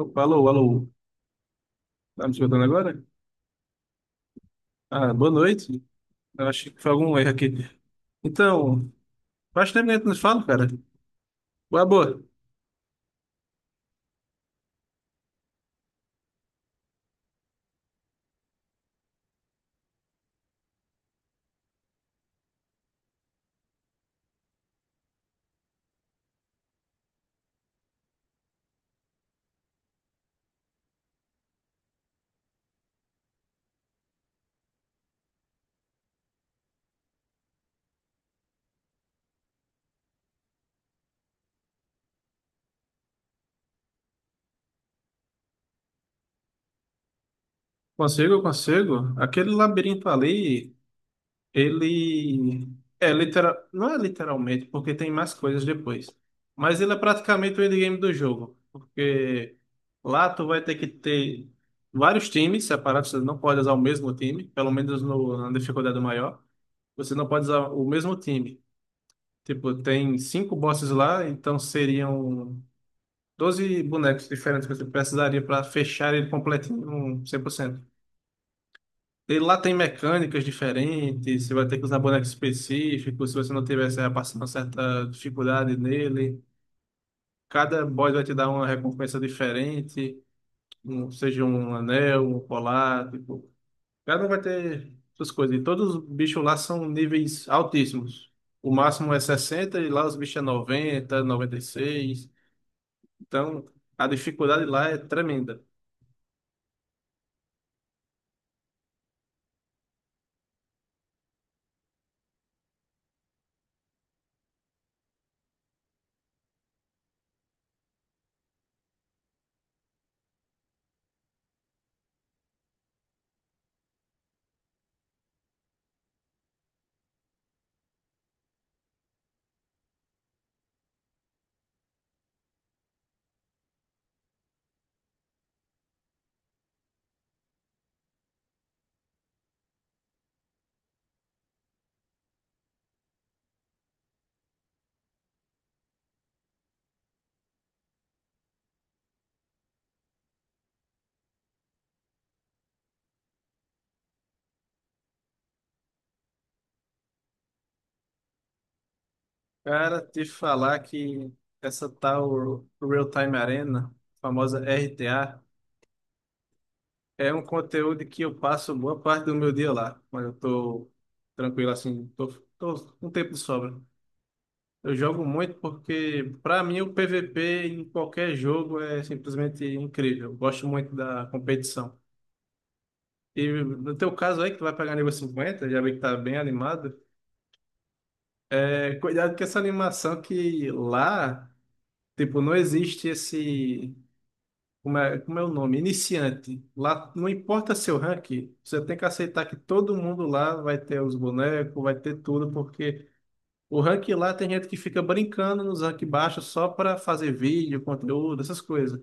Opa, alô, alô. Tá me escutando agora? Ah, boa noite. Eu acho que foi algum erro aqui. Então, faz tempo que a gente nos fala, cara. Boa, boa. Consigo, consigo. Aquele labirinto ali, ele é literal, não é literalmente, porque tem mais coisas depois. Mas ele é praticamente o endgame do jogo, porque lá tu vai ter que ter vários times separados, você não pode usar o mesmo time, pelo menos no, na dificuldade maior. Você não pode usar o mesmo time. Tipo, tem 5 bosses lá, então seriam 12 bonecos diferentes que você precisaria para fechar ele completinho, um 100%. E lá tem mecânicas diferentes, você vai ter que usar bonecos específicos, se você não tiver, você vai passar uma certa dificuldade nele. Cada boss vai te dar uma recompensa diferente, seja um anel, um colar, tipo, cada um vai ter suas coisas. E todos os bichos lá são níveis altíssimos. O máximo é 60 e lá os bichos é 90, 96. Então, a dificuldade lá é tremenda. Cara, te falar que essa tal Real Time Arena, famosa RTA, é um conteúdo que eu passo boa parte do meu dia lá, mas eu tô tranquilo assim, tô com tempo de sobra. Eu jogo muito porque, para mim, o PVP em qualquer jogo é simplesmente incrível. Eu gosto muito da competição. E no teu caso aí, que tu vai pegar nível 50 já vi que tá bem animado. É, cuidado com essa animação que lá. Tipo, não existe esse. Como é o nome? Iniciante. Lá não importa seu ranking, você tem que aceitar que todo mundo lá vai ter os bonecos, vai ter tudo, porque o ranking lá tem gente que fica brincando nos rank baixos só para fazer vídeo, conteúdo, essas coisas.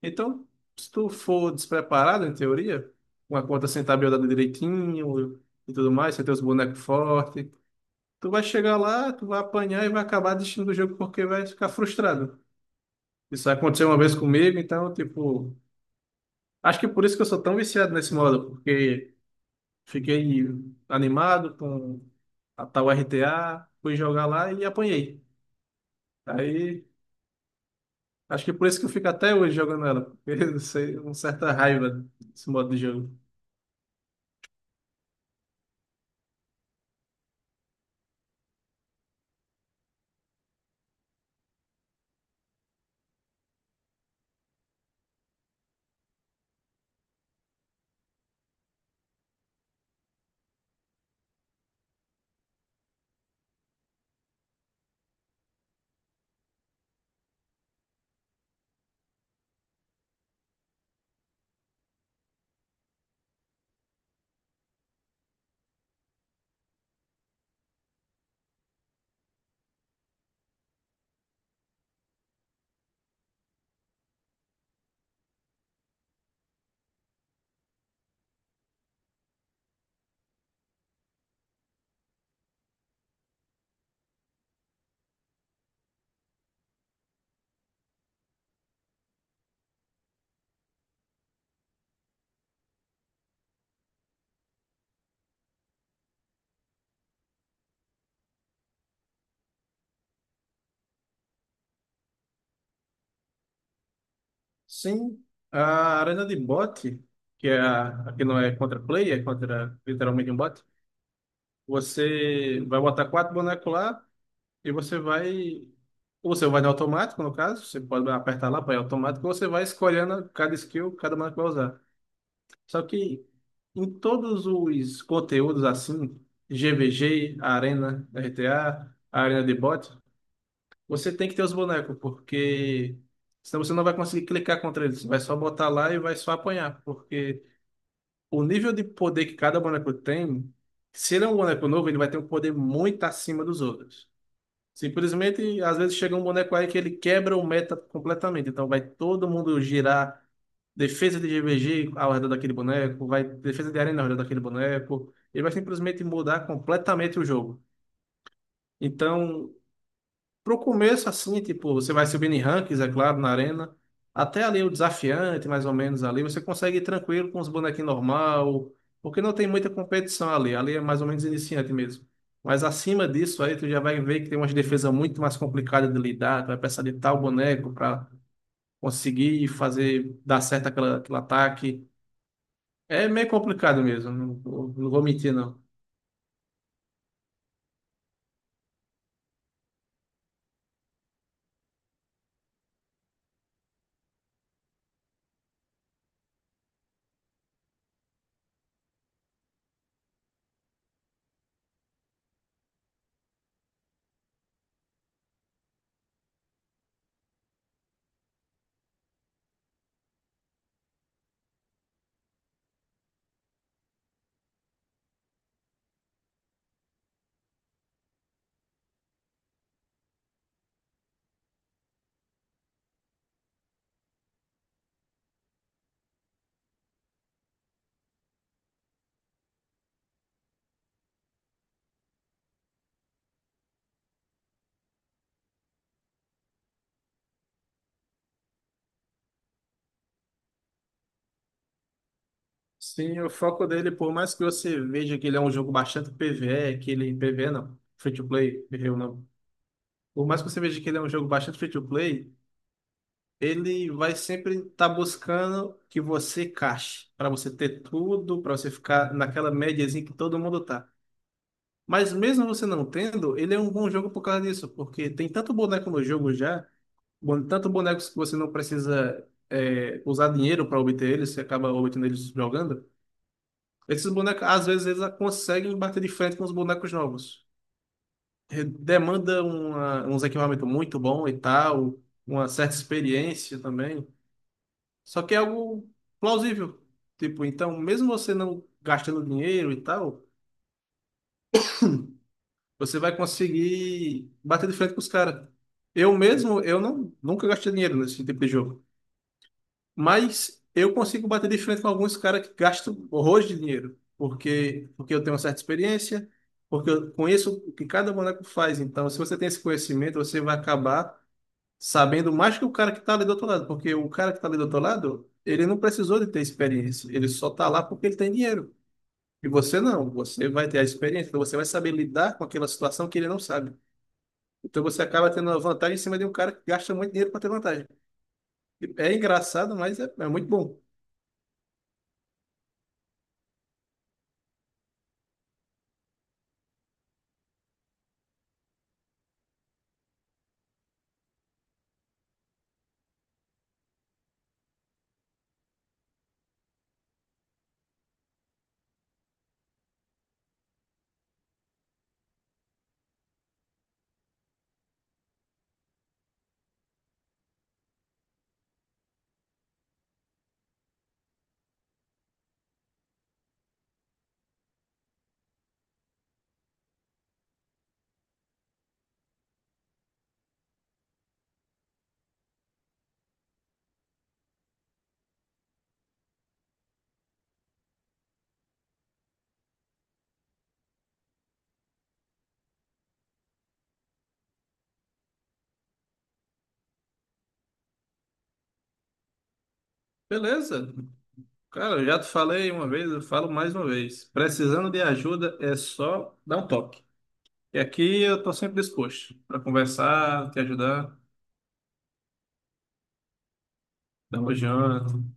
Então, se tu for despreparado, em teoria, com a conta sem tabelada direitinho e tudo mais, você tem os bonecos fortes, tu vai chegar lá, tu vai apanhar e vai acabar desistindo do jogo porque vai ficar frustrado. Isso aconteceu uma vez comigo, então, tipo, acho que por isso que eu sou tão viciado nesse modo, porque fiquei animado com a tal RTA, fui jogar lá e apanhei. Aí, acho que por isso que eu fico até hoje jogando ela, porque eu sei, uma certa raiva desse modo de jogo. Sim, a arena de bot, que é a que não é contra play, é contra literalmente um bot, você vai botar 4 bonecos lá E você vai. Ou Você vai no automático, no caso, você pode apertar lá para ir automático, ou você vai escolhendo cada skill, cada mana que vai usar. Só que em todos os conteúdos assim, GVG, Arena, RTA, Arena de Bot, você tem que ter os bonecos, porque senão você não vai conseguir clicar contra eles. Você vai só botar lá e vai só apanhar, porque o nível de poder que cada boneco tem, se ele é um boneco novo, ele vai ter um poder muito acima dos outros. Simplesmente, às vezes chega um boneco aí que ele quebra o meta completamente. Então vai todo mundo girar defesa de GVG ao redor daquele boneco, vai defesa de arena ao redor daquele boneco. Ele vai simplesmente mudar completamente o jogo. Então, pro começo, assim, tipo, você vai subindo em rankings, é claro, na arena. Até ali o desafiante, mais ou menos ali, você consegue ir tranquilo com os bonequinhos normal, porque não tem muita competição ali. Ali é mais ou menos iniciante mesmo. Mas acima disso aí, tu já vai ver que tem umas defesas muito mais complicadas de lidar. Tu vai precisar de tal boneco para conseguir fazer dar certo aquela, aquele ataque. É meio complicado mesmo, não vou mentir, não. Sim, o foco dele, por mais que você veja que ele é um jogo bastante PvE, que ele PvE não, free to play, errei o nome. Por mais que você veja que ele é um jogo bastante free to play, ele vai sempre estar buscando que você cache, para você ter tudo, para você ficar naquela médiazinha que todo mundo tá. Mas mesmo você não tendo, ele é um bom jogo por causa disso, porque tem tanto boneco no jogo já, tanto bonecos que você não precisa é, usar dinheiro para obter eles, você acaba obtendo eles jogando. Esses bonecos, às vezes, eles conseguem bater de frente com os bonecos novos. Demanda uns equipamentos muito bons e tal, uma certa experiência também. Só que é algo plausível. Tipo, então, mesmo você não gastando dinheiro e tal, você vai conseguir bater de frente com os caras. Eu mesmo, eu não, nunca gastei dinheiro nesse tipo de jogo. Mas eu consigo bater de frente com alguns caras que gastam horrores de dinheiro, porque eu tenho uma certa experiência, porque eu conheço o que cada boneco faz. Então, se você tem esse conhecimento, você vai acabar sabendo mais que o cara que está ali do outro lado, porque o cara que está ali do outro lado, ele não precisou de ter experiência, ele só está lá porque ele tem dinheiro. E você não, você vai ter a experiência, então você vai saber lidar com aquela situação que ele não sabe. Então você acaba tendo uma vantagem em cima de um cara que gasta muito dinheiro para ter vantagem. É engraçado, mas é muito bom. Beleza. Cara, eu já te falei uma vez, eu falo mais uma vez. Precisando de ajuda é só dar um toque. E aqui eu tô sempre disposto para conversar, te ajudar, dar uma